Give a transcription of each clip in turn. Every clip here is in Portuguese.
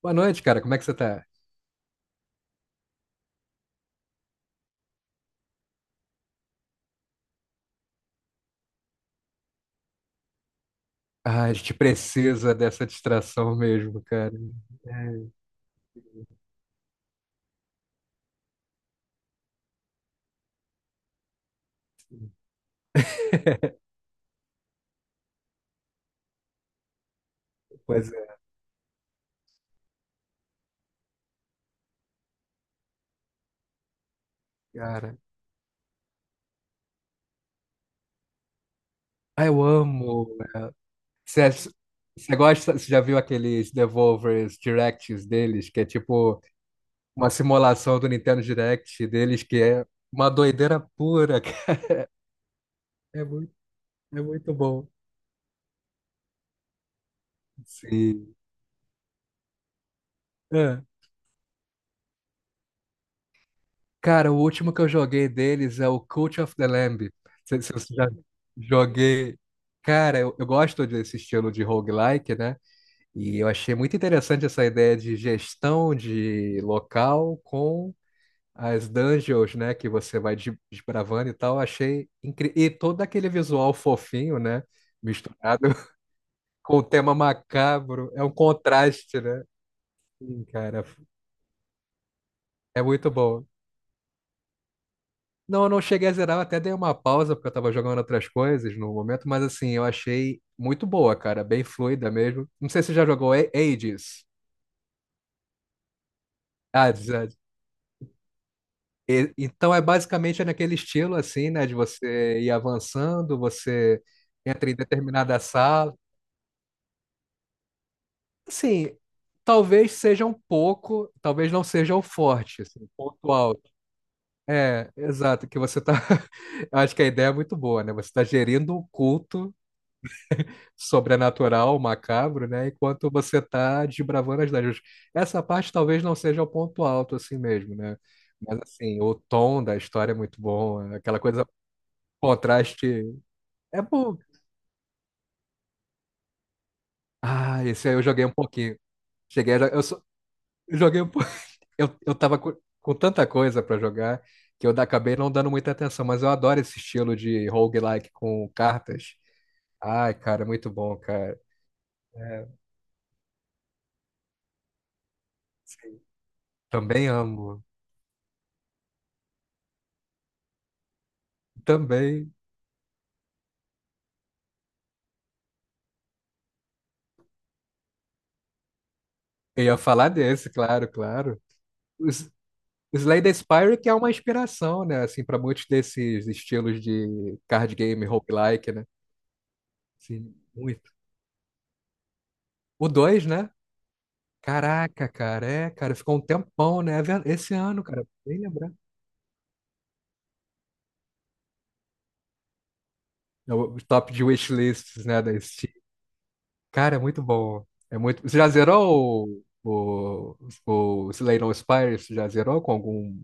Boa noite, cara. Como é que você tá? Ah, a gente precisa dessa distração mesmo, cara. É. Pois é, cara. Ah, eu amo, né? Você ach- Você gosta, você já viu aqueles Devolvers Directs deles, que é tipo uma simulação do Nintendo Direct deles, que é uma doideira pura, cara. É muito, é muito bom. Sim. É. Cara, o último que eu joguei deles é o Cult of the Lamb. Se você já joguei. Cara, eu gosto desse estilo de roguelike, né? E eu achei muito interessante essa ideia de gestão de local com as dungeons, né? Que você vai desbravando e tal. Achei incrível. E todo aquele visual fofinho, né? Misturado com o tema macabro. É um contraste, né? Sim, cara. É muito bom. Não, eu não cheguei a zerar, eu até dei uma pausa porque eu tava jogando outras coisas no momento, mas assim, eu achei muito boa, cara, bem fluida mesmo. Não sei se você já jogou Hades. Hades, Hades. Então é basicamente é naquele estilo assim, né, de você ir avançando, você entra em determinada sala. Assim, talvez seja um pouco, talvez não seja o forte, assim, ponto alto. É, exato, que você tá. Eu acho que a ideia é muito boa, né? Você tá gerindo um culto sobrenatural, macabro, né? Enquanto você tá desbravando as dungeons. Essa parte talvez não seja o ponto alto assim mesmo, né? Mas assim, o tom da história é muito bom, né? Aquela coisa, contraste é bom. Ah, esse aí eu joguei um pouquinho. Cheguei. Eu joguei um pouquinho. Eu tava com tanta coisa pra jogar que eu acabei não dando muita atenção, mas eu adoro esse estilo de roguelike com cartas. Ai, cara, muito bom, cara. É, sim. Também amo. Também. Eu ia falar desse, claro, claro. O S- o Slay the Spire que é uma inspiração, né, assim, para muitos desses estilos de card game roguelike, né? Sim, muito. O 2, né? Caraca, cara, é, cara, ficou um tempão, né? Esse ano, cara, nem lembrar. É o top de wishlists, né, da Steam. Cara, é muito bom. É muito. Você já zerou o Slay the Spire? Você já zerou com algum,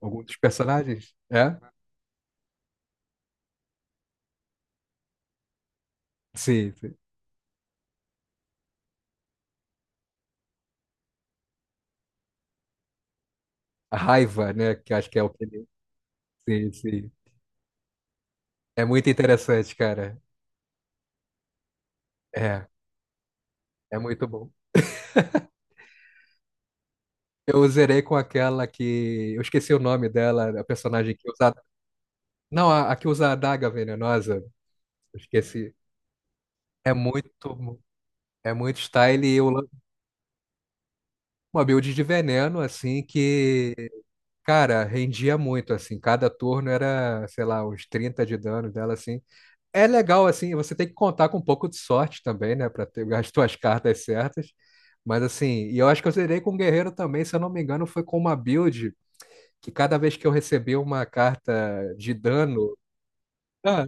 algum dos personagens? É? Sim, sim. A raiva, né? Que acho que é o que ele. Sim, sim. É muito interessante, cara. É, é muito bom. Eu zerei com aquela que. Eu esqueci o nome dela, a personagem que usa. Não, a que usa a adaga venenosa. Eu esqueci. É muito. É muito style e uma build de veneno, assim, que, cara, rendia muito, assim. Cada turno era, sei lá, uns 30 de dano dela, assim. É legal, assim, você tem que contar com um pouco de sorte também, né, para ter as tuas cartas certas. Mas assim, e eu acho que eu zerei com o Guerreiro também, se eu não me engano, foi com uma build que cada vez que eu recebi uma carta de dano, ah,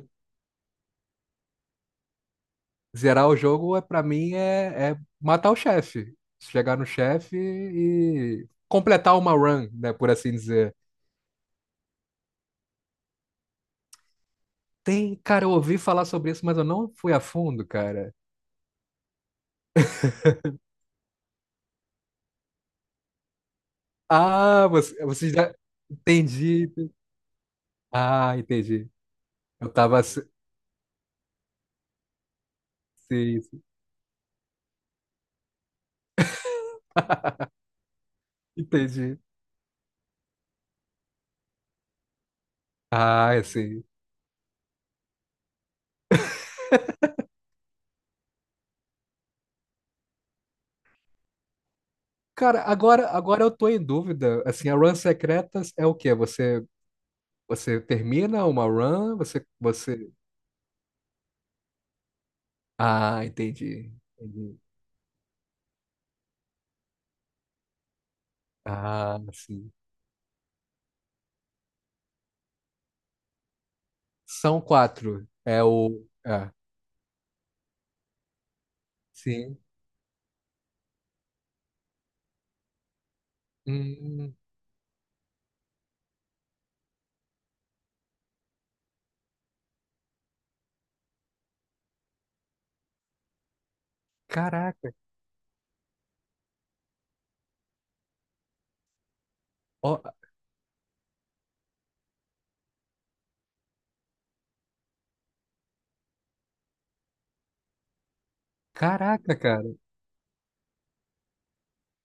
zerar o jogo é para mim é matar o chefe, chegar no chefe e completar uma run, né, por assim dizer. Tem, cara, eu ouvi falar sobre isso, mas eu não fui a fundo, cara. Ah, você já entendi. Ah, entendi. Eu tava, Sim, sim. Entendi. Ah, é sim. Cara, agora eu tô em dúvida. Assim, a run secretas é o quê? Você termina uma run? Você. Ah, entendi. Entendi. Ah, sim. São quatro. É o. É. Sim. Hum, Caraca. Ó, caraca, cara.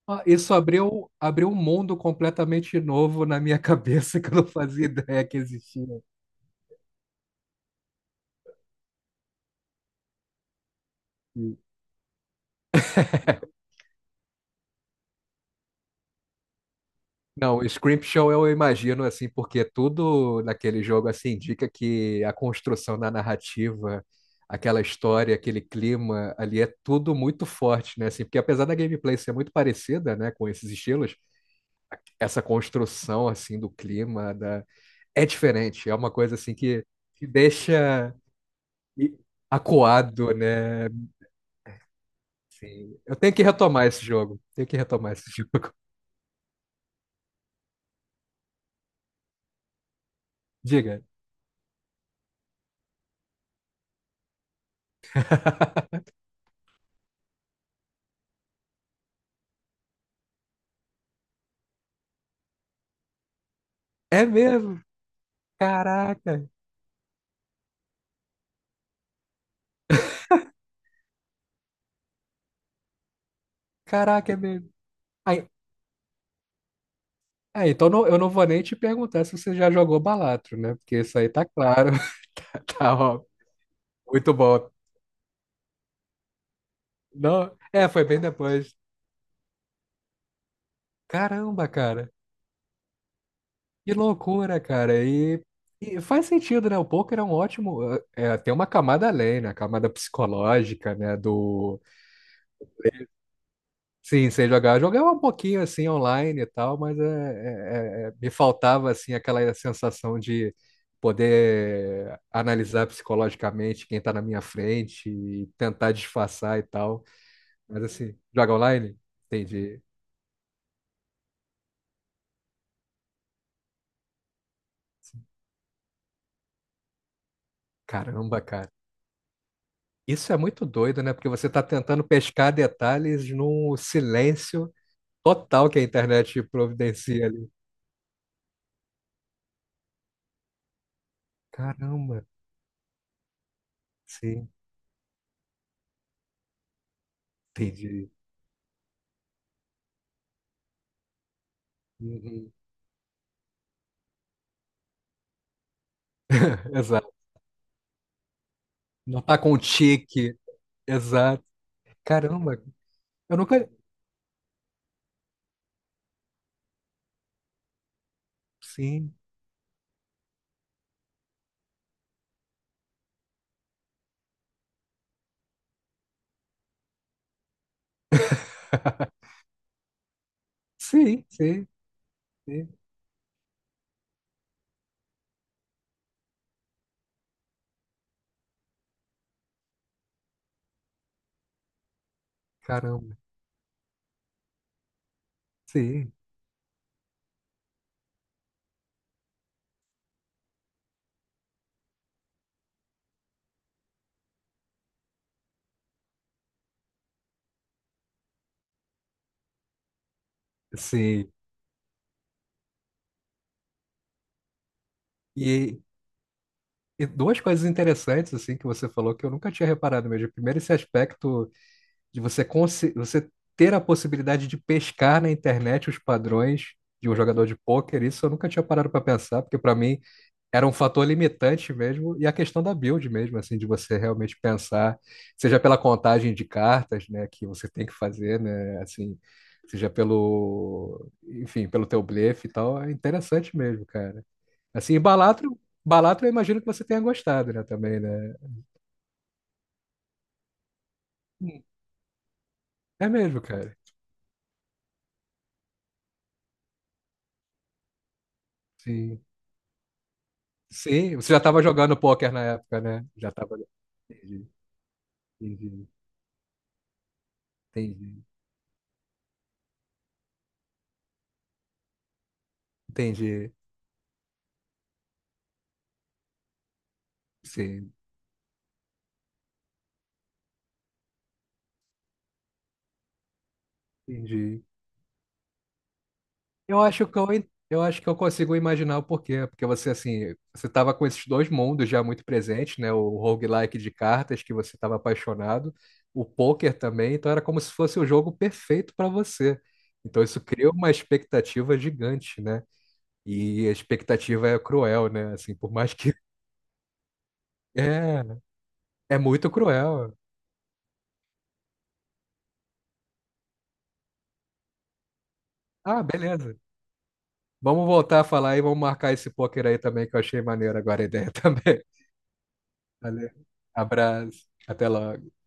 Ó, isso abriu um mundo completamente novo na minha cabeça que eu não fazia ideia que existia. Não, o Scrimshaw eu imagino assim, porque tudo naquele jogo assim indica que a construção da narrativa, aquela história, aquele clima ali é tudo muito forte, né? Assim, porque apesar da gameplay ser muito parecida, né, com esses estilos, essa construção assim do clima da. É diferente, é uma coisa assim que te deixa i- acuado, né? Assim, eu tenho que retomar esse jogo, tenho que retomar esse jogo. Diga. É mesmo? Caraca, caraca, é mesmo. Ai, é, então, eu não vou nem te perguntar se você já jogou Balatro, né? Porque isso aí tá claro. Tá, ó, muito bom. Não, é, foi bem depois. Caramba, cara. Que loucura, cara. E faz sentido, né? O poker é um ótimo. É, tem uma camada além, né? A camada psicológica, né? Do. Sim, sei jogar. Eu jogava um pouquinho assim online e tal, mas me faltava assim aquela sensação de poder analisar psicologicamente quem está na minha frente e tentar disfarçar e tal. Mas assim, joga online? Entendi. Caramba, cara. Isso é muito doido, né? Porque você está tentando pescar detalhes num silêncio total que a internet providencia ali. Caramba. Sim, entendi. Uhum. Exato. Não tá com um tique. Exato. Caramba, eu nunca. Sim, sim, sim, sim. Caramba, sim, sim. E, e duas coisas interessantes assim que você falou que eu nunca tinha reparado mesmo. Primeiro, esse aspecto de você ter a possibilidade de pescar na internet os padrões de um jogador de pôquer. Isso eu nunca tinha parado para pensar, porque para mim era um fator limitante mesmo, e a questão da build mesmo, assim, de você realmente pensar, seja pela contagem de cartas, né, que você tem que fazer, né, assim, seja pelo, enfim, pelo teu blefe e tal, é interessante mesmo, cara. Assim, e Balatro, Balatro eu imagino que você tenha gostado, né, também, né? Hum. É mesmo, cara. Sim. Sim, você já estava jogando pôquer na época, né? Já estava. Entendi, entendi, entendi, entendi. Sim, entendi. Eu acho que eu, en- eu acho que eu consigo imaginar o porquê, porque você assim, você estava com esses dois mundos já muito presentes, né? O roguelike de cartas que você estava apaixonado, o poker também, então era como se fosse o jogo perfeito para você. Então isso cria uma expectativa gigante, né? E a expectativa é cruel, né? Assim, por mais que é, é muito cruel. Ah, beleza. Vamos voltar a falar e vamos marcar esse poker aí também que eu achei maneiro agora a ideia também. Valeu. Abraço. Até logo.